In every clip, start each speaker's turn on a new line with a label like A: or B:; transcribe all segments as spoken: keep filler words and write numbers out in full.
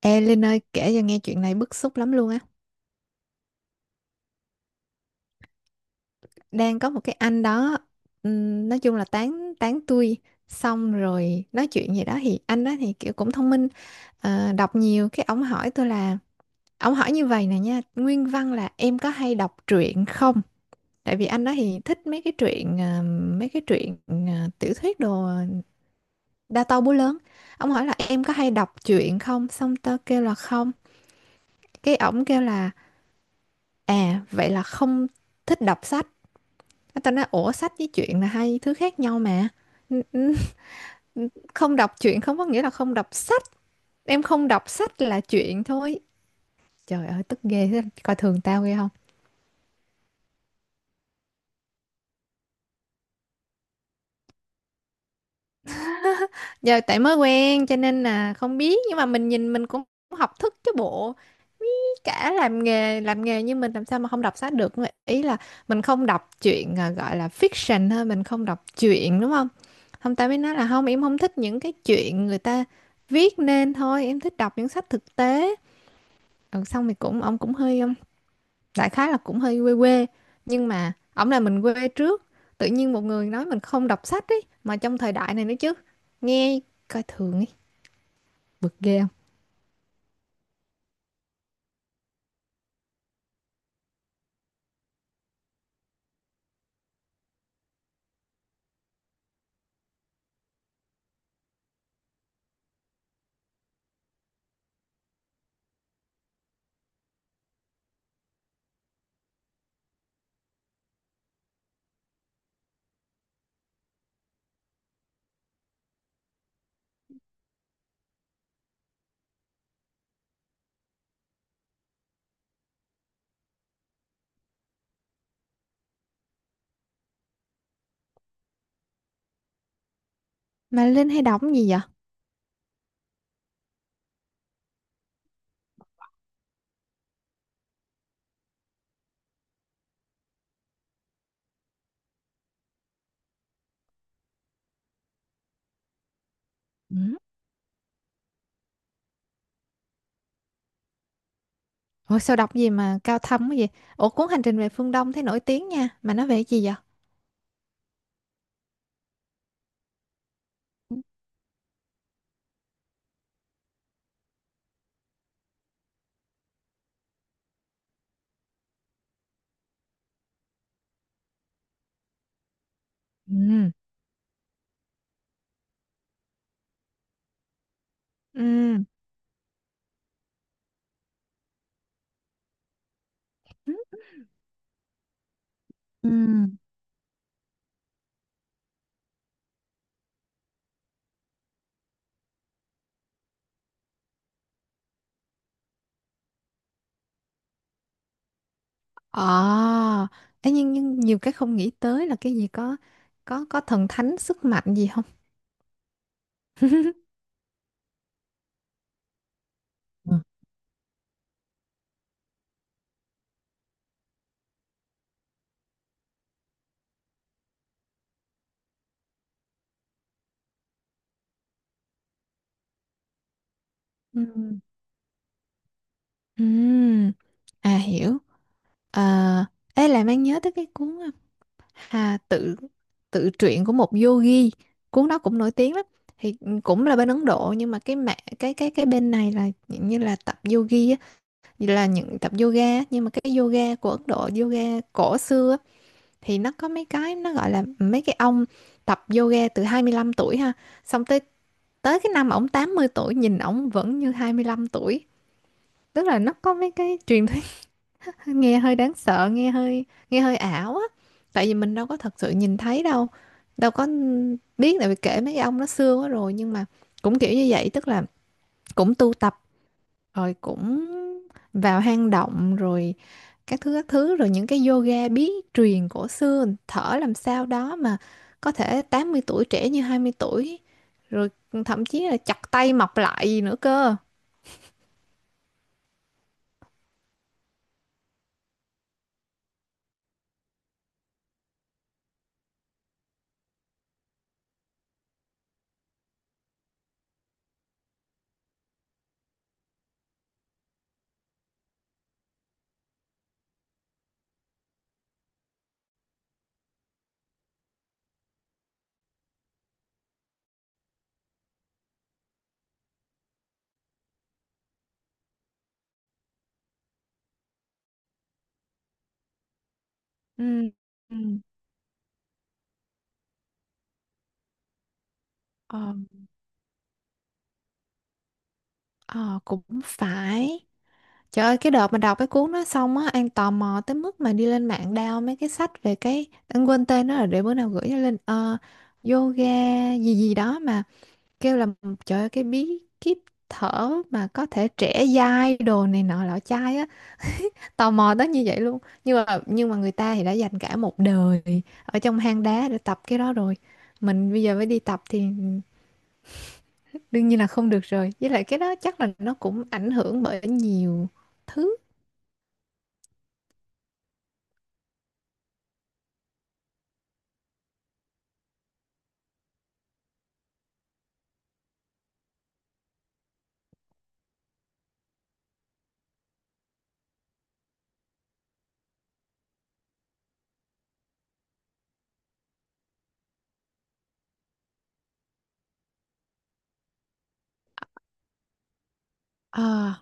A: Ê Linh ơi, kể cho nghe chuyện này bức xúc lắm luôn á. Đang có một cái anh đó, ừm, nói chung là tán tán tui. Xong rồi nói chuyện gì đó. Thì anh đó thì kiểu cũng thông minh, ờ, đọc nhiều cái ông hỏi tôi là. Ông hỏi như vậy nè nha, nguyên văn là: em có hay đọc truyện không? Tại vì anh đó thì thích mấy cái truyện, ờ, mấy cái truyện, ờ, tiểu thuyết đồ. Đa to búa lớn. Ông hỏi là em có hay đọc truyện không. Xong tao kêu là không. Cái ổng kêu là à, vậy là không thích đọc sách. Cái ta nói ủa, sách với truyện là hai thứ khác nhau mà. n- n- Không đọc truyện không có nghĩa là không đọc sách, em không đọc sách là truyện thôi. Trời ơi tức ghê thế, coi thường tao ghê không? Giờ tại mới quen cho nên là không biết, nhưng mà mình nhìn mình cũng học thức chứ bộ. Cả làm nghề làm nghề như mình làm sao mà không đọc sách được. Ý là mình không đọc truyện, à, gọi là fiction thôi, mình không đọc truyện đúng không? Không, tao mới nói là không, em không thích những cái chuyện người ta viết nên thôi, em thích đọc những sách thực tế. Ừ, xong thì cũng ông cũng hơi um, đại khái là cũng hơi quê quê, nhưng mà ổng là mình quê trước. Tự nhiên một người nói mình không đọc sách ấy mà, trong thời đại này nữa chứ, nghe coi thường ấy, bực ghê không? Mà Linh hay đọc cái gì vậy? Ừ. Ủa sao đọc gì mà cao thâm cái gì? Ủa cuốn Hành trình về phương Đông thấy nổi tiếng nha, mà nó về cái gì vậy? Ừ. Ừ. Ừ. Ờ. Ê, nhưng nhưng nhiều cái không nghĩ tới là cái gì? Có có có thần thánh sức mạnh gì không? Ừ. Ừ. Ừm, à, hiểu. À, ê làm anh nhớ tới cái cuốn, à, Hà tự tự truyện của một yogi. Cuốn đó cũng nổi tiếng lắm. Thì cũng là bên Ấn Độ, nhưng mà cái mẹ cái cái cái bên này là dạng như là tập yogi á, như là những tập yoga á. Nhưng mà cái yoga của Ấn Độ, yoga cổ xưa á, thì nó có mấy cái nó gọi là mấy cái ông tập yoga từ hai mươi lăm tuổi ha. Xong tới tới cái năm ổng tám mươi tuổi nhìn ổng vẫn như hai mươi lăm tuổi. Tức là nó có mấy cái truyền thuyết, nghe hơi đáng sợ, nghe hơi nghe hơi ảo á, tại vì mình đâu có thật sự nhìn thấy đâu, đâu có biết, tại vì kể mấy ông nó xưa quá rồi. Nhưng mà cũng kiểu như vậy, tức là cũng tu tập rồi cũng vào hang động rồi các thứ các thứ, rồi những cái yoga bí truyền cổ xưa thở làm sao đó mà có thể tám mươi tuổi trẻ như hai mươi tuổi, rồi thậm chí là chặt tay mọc lại gì nữa cơ. Ừ. Ừ. Ờ, ờ, cũng phải. Trời ơi, cái đợt mà đọc cái cuốn đó xong á, An tò mò tới mức mà đi lên mạng đao mấy cái sách về cái, An quên tên nó rồi, để bữa nào gửi cho Linh. Ờ, Yoga gì gì đó mà kêu là, trời ơi, cái bí kíp thở mà có thể trẻ dai đồ này nọ lọ chai á, tò mò tới như vậy luôn. Nhưng mà, nhưng mà người ta thì đã dành cả một đời ở trong hang đá để tập cái đó rồi. Mình bây giờ mới đi tập thì đương nhiên là không được rồi. Với lại cái đó chắc là nó cũng ảnh hưởng bởi nhiều thứ. Ờ.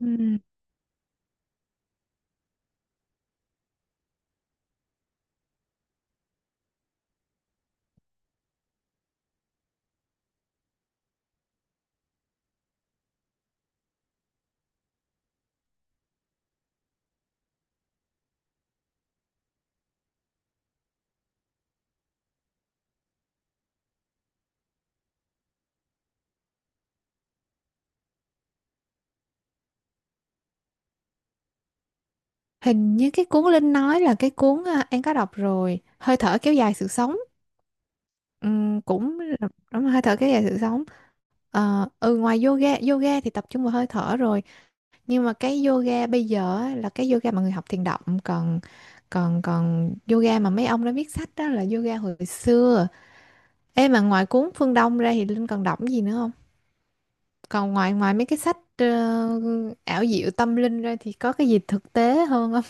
A: Ừ. Hình như cái cuốn Linh nói là cái cuốn, à, em có đọc rồi, Hơi thở kéo dài sự sống. Ừm, cũng là- đúng là hơi thở kéo dài sự sống. Ờ, ừ, ngoài yoga, yoga thì tập trung vào hơi thở rồi, nhưng mà cái yoga bây giờ á, là cái yoga mà người học thiền động, còn còn còn yoga mà mấy ông đã viết sách đó là yoga hồi xưa. Ê mà ngoài cuốn Phương Đông ra thì Linh còn đọc cái gì nữa không? Còn ngoài ngoài mấy cái sách, ờ, ảo diệu tâm linh ra thì có cái gì thực tế hơn không?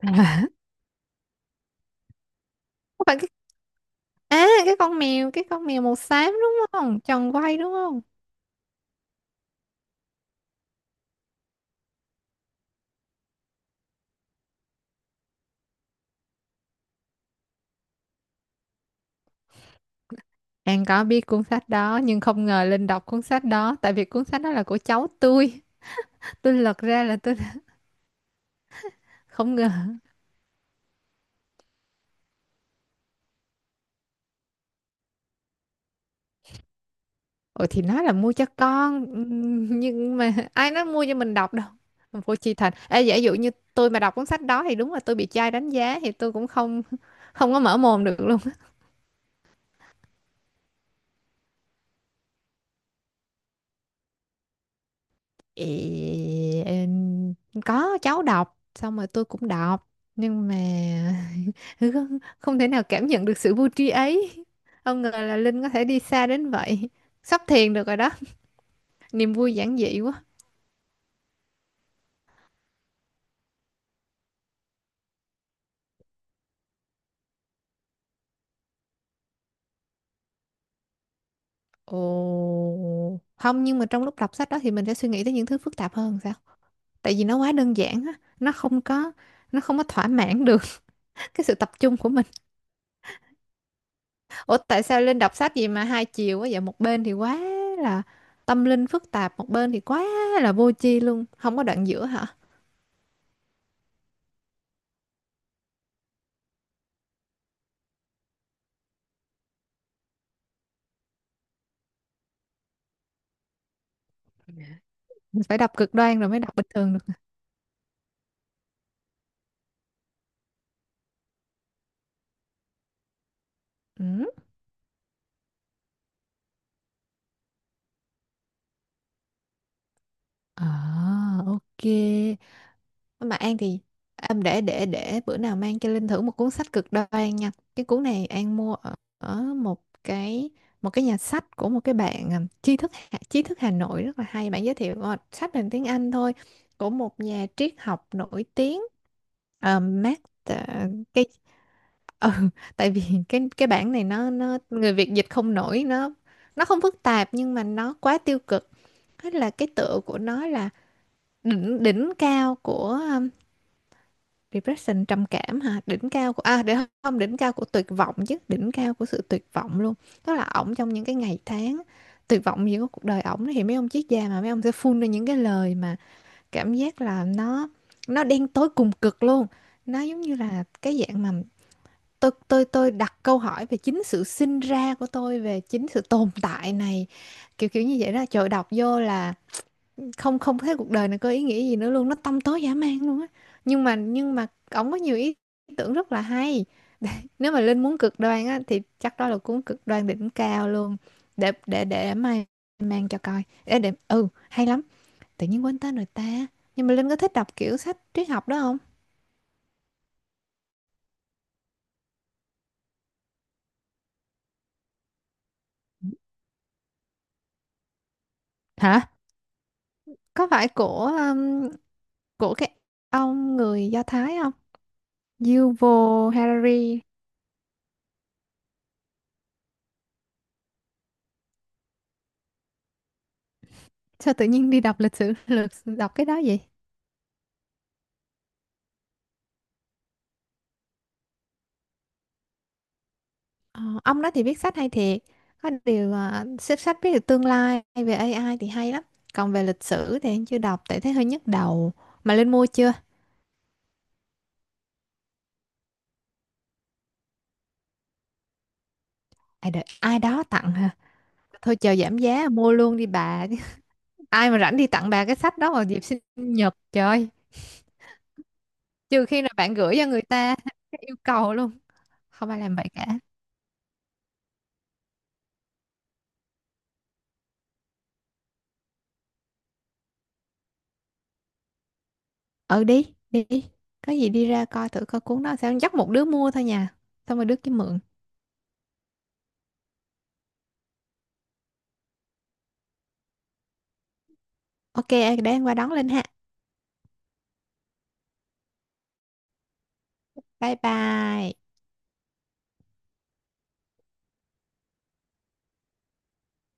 A: Phải. À, cái con mèo. Cái con mèo màu xám đúng không? Tròn quay đúng không? An có biết cuốn sách đó. Nhưng không ngờ Linh đọc cuốn sách đó. Tại vì cuốn sách đó là của cháu tôi. Tôi lật ra là tôi không ngờ. Ủa thì nói là mua cho con. ừm, Nhưng mà ai nói mua cho mình đọc đâu. Vô chi thành. Ê giả dụ như tôi mà đọc cuốn sách đó thì đúng là tôi bị trai đánh giá. Thì tôi cũng không, không có mở mồm được. Ị- em- có cháu đọc xong rồi tôi cũng đọc, nhưng mà không, không thể nào cảm nhận được sự vui trí ấy. Không ngờ là Linh có thể đi xa đến vậy, sắp thiền được rồi đó, niềm vui giản dị quá. Ồ không, nhưng mà trong lúc đọc sách đó thì mình sẽ suy nghĩ tới những thứ phức tạp hơn sao? Tại vì nó quá đơn giản á, nó không có, nó không có thỏa mãn được cái sự tập trung của mình. Ủa tại sao Linh đọc sách gì mà hai chiều quá vậy? Một bên thì quá là tâm linh phức tạp, một bên thì quá là vô tri luôn, không có đoạn giữa hả? Phải đọc cực đoan rồi mới đọc bình thường được. Ừ. À, ok. Mà An thì em để để để bữa nào mang cho Linh thử một cuốn sách cực đoan nha. Cái cuốn này An mua ở, ở một cái, một cái nhà sách của một cái bạn, à, tri thức Hà- tri thức Hà Nội rất là hay, bạn giới thiệu ờ, sách bằng tiếng Anh thôi, của một nhà triết học nổi tiếng, uh, Mark, à, cái ừ, tại vì cái cái bản này nó, nó người Việt dịch không nổi. Nó, nó không phức tạp nhưng mà nó quá tiêu cực. Thế là cái tựa của nó là đỉnh đỉnh cao của, ờ, Depression, trầm cảm hả? Đỉnh cao của, à, để, không, đỉnh cao của tuyệt vọng chứ, đỉnh cao của sự tuyệt vọng luôn. Tức là ổng trong những cái ngày tháng tuyệt vọng gì của cuộc đời ổng, thì mấy ông triết gia mà mấy ông sẽ phun ra những cái lời mà cảm giác là nó, nó đen tối cùng cực luôn. Nó giống như là cái dạng mà tôi tôi tôi đặt câu hỏi về chính sự sinh ra của tôi, về chính sự tồn tại này, kiểu kiểu như vậy đó. Trời đọc vô là không, không thấy cuộc đời này có ý nghĩa gì nữa luôn, nó tăm tối dã man luôn á, nhưng mà nhưng mà ổng có nhiều ý tưởng rất là hay. Để, nếu mà Linh muốn cực đoan á thì chắc đó là cuốn cực đoan đỉnh cao luôn. Để để để mai mang cho coi, để, để ừ hay lắm. Tự nhiên quên tên rồi ta. Nhưng mà Linh có thích đọc kiểu sách triết học đó không? Hả? Có phải của um, của cái ông người Do Thái không? Yuval Harari. Sao tự nhiên đi đọc lịch sử lược đọc cái đó vậy? Ờ, ông đó thì viết sách hay thiệt. Có điều, à, xếp sách viết được tương lai về a i thì hay lắm. Còn về lịch sử thì anh chưa đọc tại thấy hơi nhức đầu. Mà Linh mua chưa? À, đợi ai đó tặng hả? Thôi chờ giảm giá mua luôn đi bà. Ai mà rảnh đi tặng bà cái sách đó vào dịp sinh nhật, trời. Trừ khi là bạn gửi cho người ta cái yêu cầu luôn, không ai làm vậy cả. Ừ, đi đi đi. Có gì đi ra coi thử coi cuốn đó sao, dắt một đứa mua thôi nha, xong rồi đứa kia mượn. Ok để anh qua đón Linh ha. Bye bye.